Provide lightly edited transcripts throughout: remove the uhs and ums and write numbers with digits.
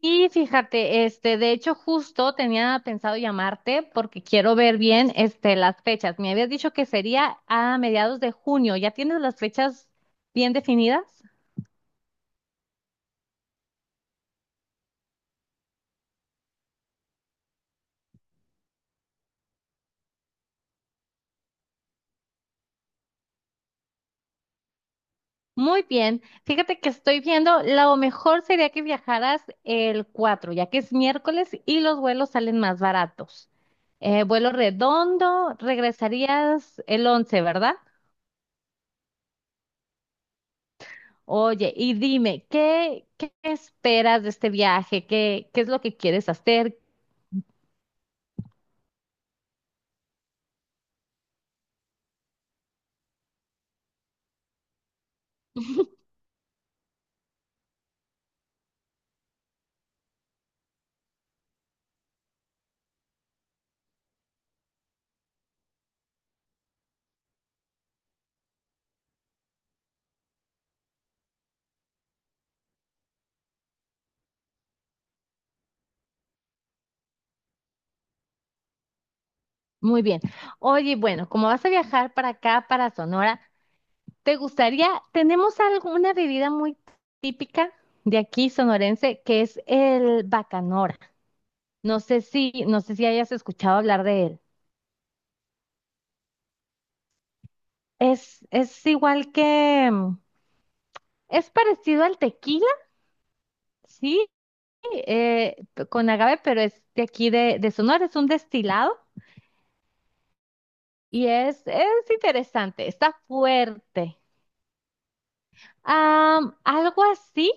Y fíjate, este, de hecho, justo tenía pensado llamarte porque quiero ver bien, las fechas. Me habías dicho que sería a mediados de junio. ¿Ya tienes las fechas bien definidas? Muy bien. Fíjate que estoy viendo, lo mejor sería que viajaras el 4, ya que es miércoles y los vuelos salen más baratos. Vuelo redondo, regresarías el 11, ¿verdad? Oye, y dime, ¿qué esperas de este viaje? ¿Qué es lo que quieres hacer? Muy bien. Oye, bueno, como vas a viajar para acá, para Sonora, ¿te gustaría, tenemos alguna bebida muy típica de aquí sonorense que es el bacanora? No sé si, no sé si hayas escuchado hablar de él. Es igual que, es parecido al tequila, sí, con agave, pero es de aquí de Sonora, es un destilado y es interesante, está fuerte. Algo así,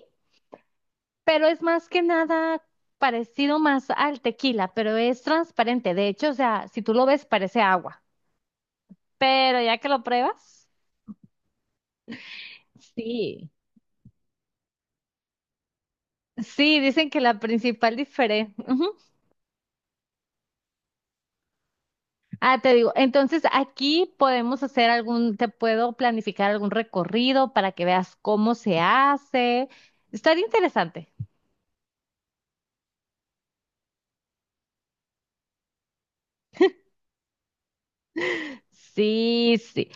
pero es más que nada parecido más al tequila, pero es transparente. De hecho, o sea, si tú lo ves, parece agua. Pero ya que lo pruebas, sí. Sí, dicen que la principal diferencia. Ah, te digo, entonces aquí podemos hacer algún, te puedo planificar algún recorrido para que veas cómo se hace. Estaría interesante. Sí, sí.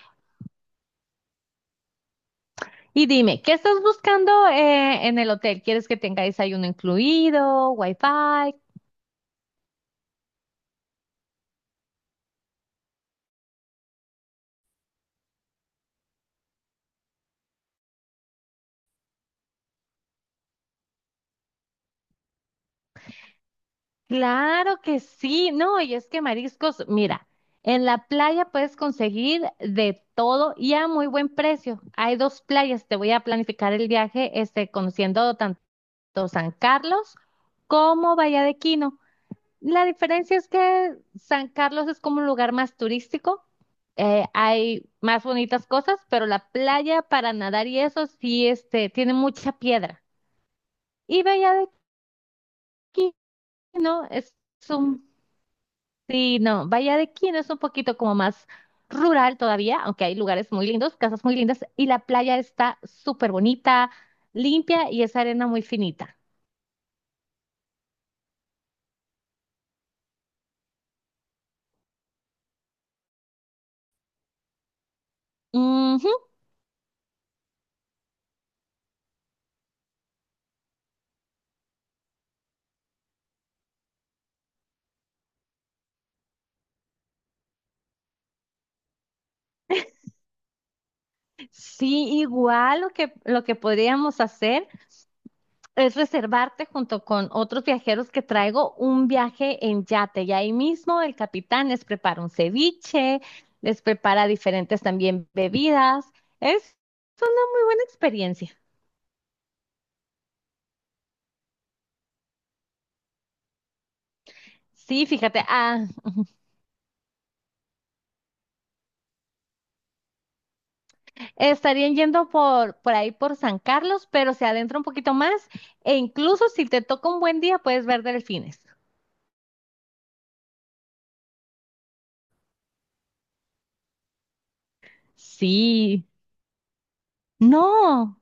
Y dime, ¿qué estás buscando en el hotel? ¿Quieres que tenga desayuno incluido, wifi? Claro que sí, no, y es que mariscos, mira, en la playa puedes conseguir de todo y a muy buen precio. Hay dos playas, te voy a planificar el viaje, este, conociendo tanto San Carlos como Bahía de Quino. La diferencia es que San Carlos es como un lugar más turístico, hay más bonitas cosas, pero la playa para nadar y eso sí, este, tiene mucha piedra. Y Bahía de Quino es un sí, no, Valladolid es un poquito como más rural todavía, aunque hay lugares muy lindos, casas muy lindas, y la playa está súper bonita, limpia y es arena muy finita. Ujú. Sí, igual lo que podríamos hacer es reservarte junto con otros viajeros que traigo un viaje en yate y ahí mismo el capitán les prepara un ceviche, les prepara diferentes también bebidas. Es muy buena experiencia. Sí, fíjate, ah. Estarían yendo por ahí por San Carlos, pero se adentra un poquito más e incluso si te toca un buen día puedes ver delfines. Sí, no.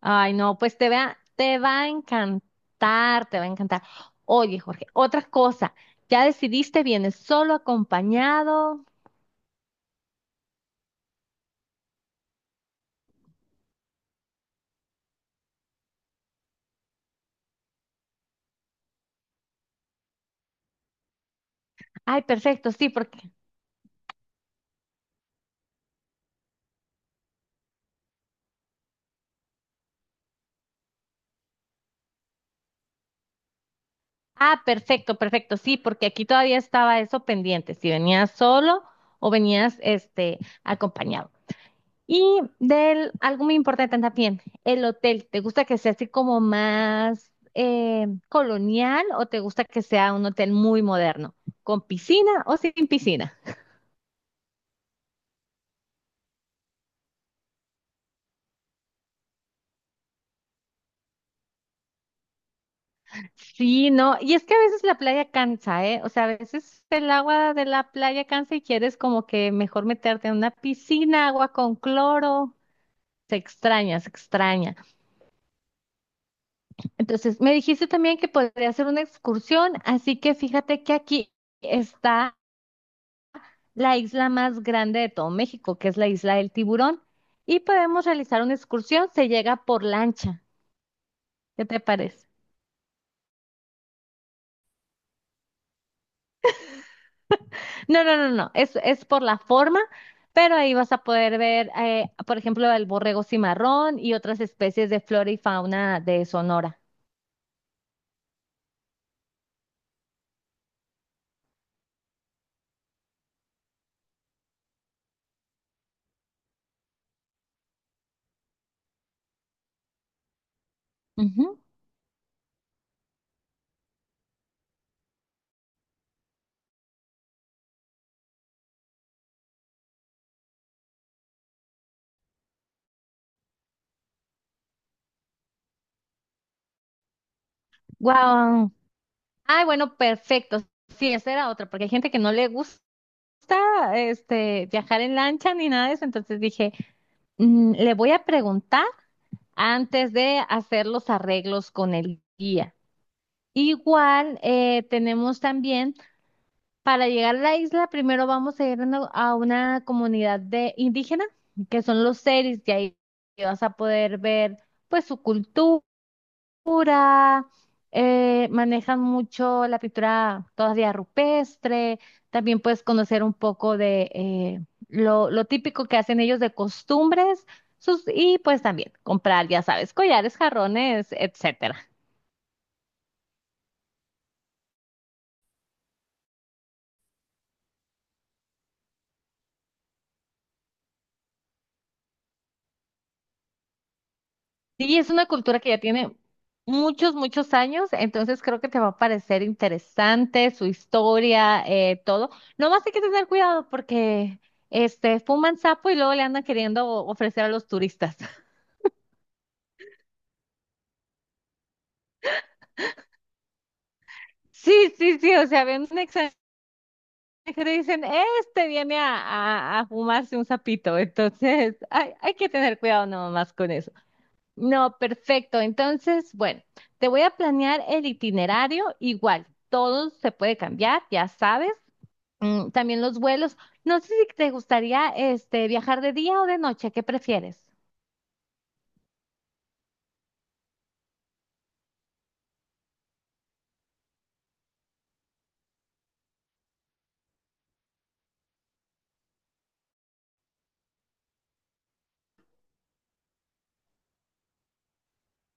Ay, no, te va a encantar, te va a encantar. Oye, Jorge, otra cosa, ya decidiste, vienes solo acompañado. Ay, perfecto, sí, porque... Ah, perfecto, perfecto, sí, porque aquí todavía estaba eso pendiente, si venías solo o venías, este, acompañado. Algo muy importante también, el hotel. ¿Te gusta que sea así como más colonial o te gusta que sea un hotel muy moderno? ¿Con piscina o sin piscina? Sí, no. Y es que a veces la playa cansa, ¿eh? O sea, a veces el agua de la playa cansa y quieres como que mejor meterte en una piscina, agua con cloro. Se extraña, se extraña. Entonces, me dijiste también que podría hacer una excursión, así que fíjate que aquí está la isla más grande de todo México, que es la isla del Tiburón, y podemos realizar una excursión, se llega por lancha. ¿Qué te parece? No, no, no, no, es por la forma, pero ahí vas a poder ver, por ejemplo, el borrego cimarrón y otras especies de flora y fauna de Sonora. Ujú. Guau. Ay, bueno, perfecto. Sí, esa era otra, porque hay gente que no le gusta este viajar en lancha ni nada de eso. Entonces dije, mm, le voy a preguntar antes de hacer los arreglos con el guía. Igual tenemos también, para llegar a la isla, primero vamos a ir a una comunidad de indígena, que son los seris, y ahí vas a poder ver pues su cultura, manejan mucho la pintura todavía rupestre, también puedes conocer un poco de lo típico que hacen ellos de costumbres, sus, y pues también comprar, ya sabes, collares, jarrones, etcétera. Sí, es una cultura que ya tiene muchos, muchos años, entonces creo que te va a parecer interesante su historia, todo. Nomás hay que tener cuidado porque fuman sapo y luego le andan queriendo ofrecer a los turistas. Sí, sí, sí, o sea, ven un extranjero y dicen, este viene a, a fumarse un sapito, entonces hay que tener cuidado nomás con eso. No, perfecto, entonces, bueno. Te voy a planear el itinerario igual. Todo se puede cambiar, ya sabes. Mm, también los vuelos. No sé si te gustaría este viajar de día o de noche, ¿qué prefieres?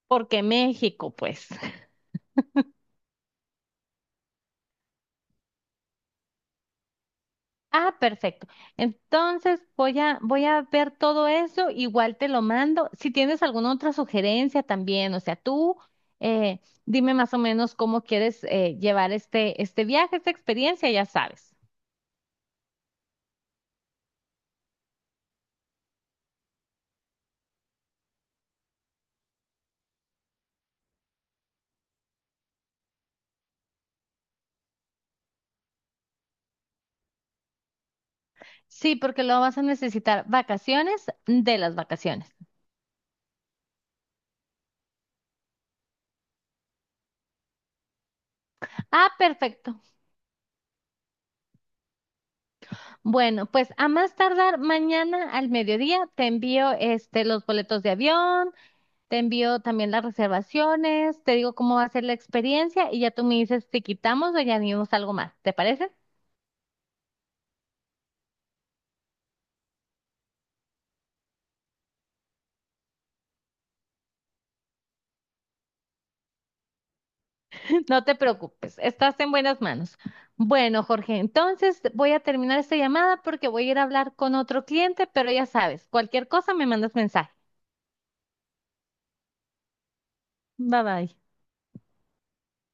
Porque México, pues. Ah, perfecto. Entonces voy a ver todo eso, igual te lo mando. Si tienes alguna otra sugerencia también, o sea, tú dime más o menos cómo quieres llevar este viaje, esta experiencia, ya sabes. Sí, porque lo vas a necesitar vacaciones de las vacaciones. Ah, perfecto. Bueno, pues a más tardar mañana al mediodía te envío este los boletos de avión, te envío también las reservaciones, te digo cómo va a ser la experiencia y ya tú me dices si quitamos o añadimos algo más, ¿te parece? No te preocupes, estás en buenas manos. Bueno, Jorge, entonces voy a terminar esta llamada porque voy a ir a hablar con otro cliente, pero ya sabes, cualquier cosa me mandas mensaje. Bye bye.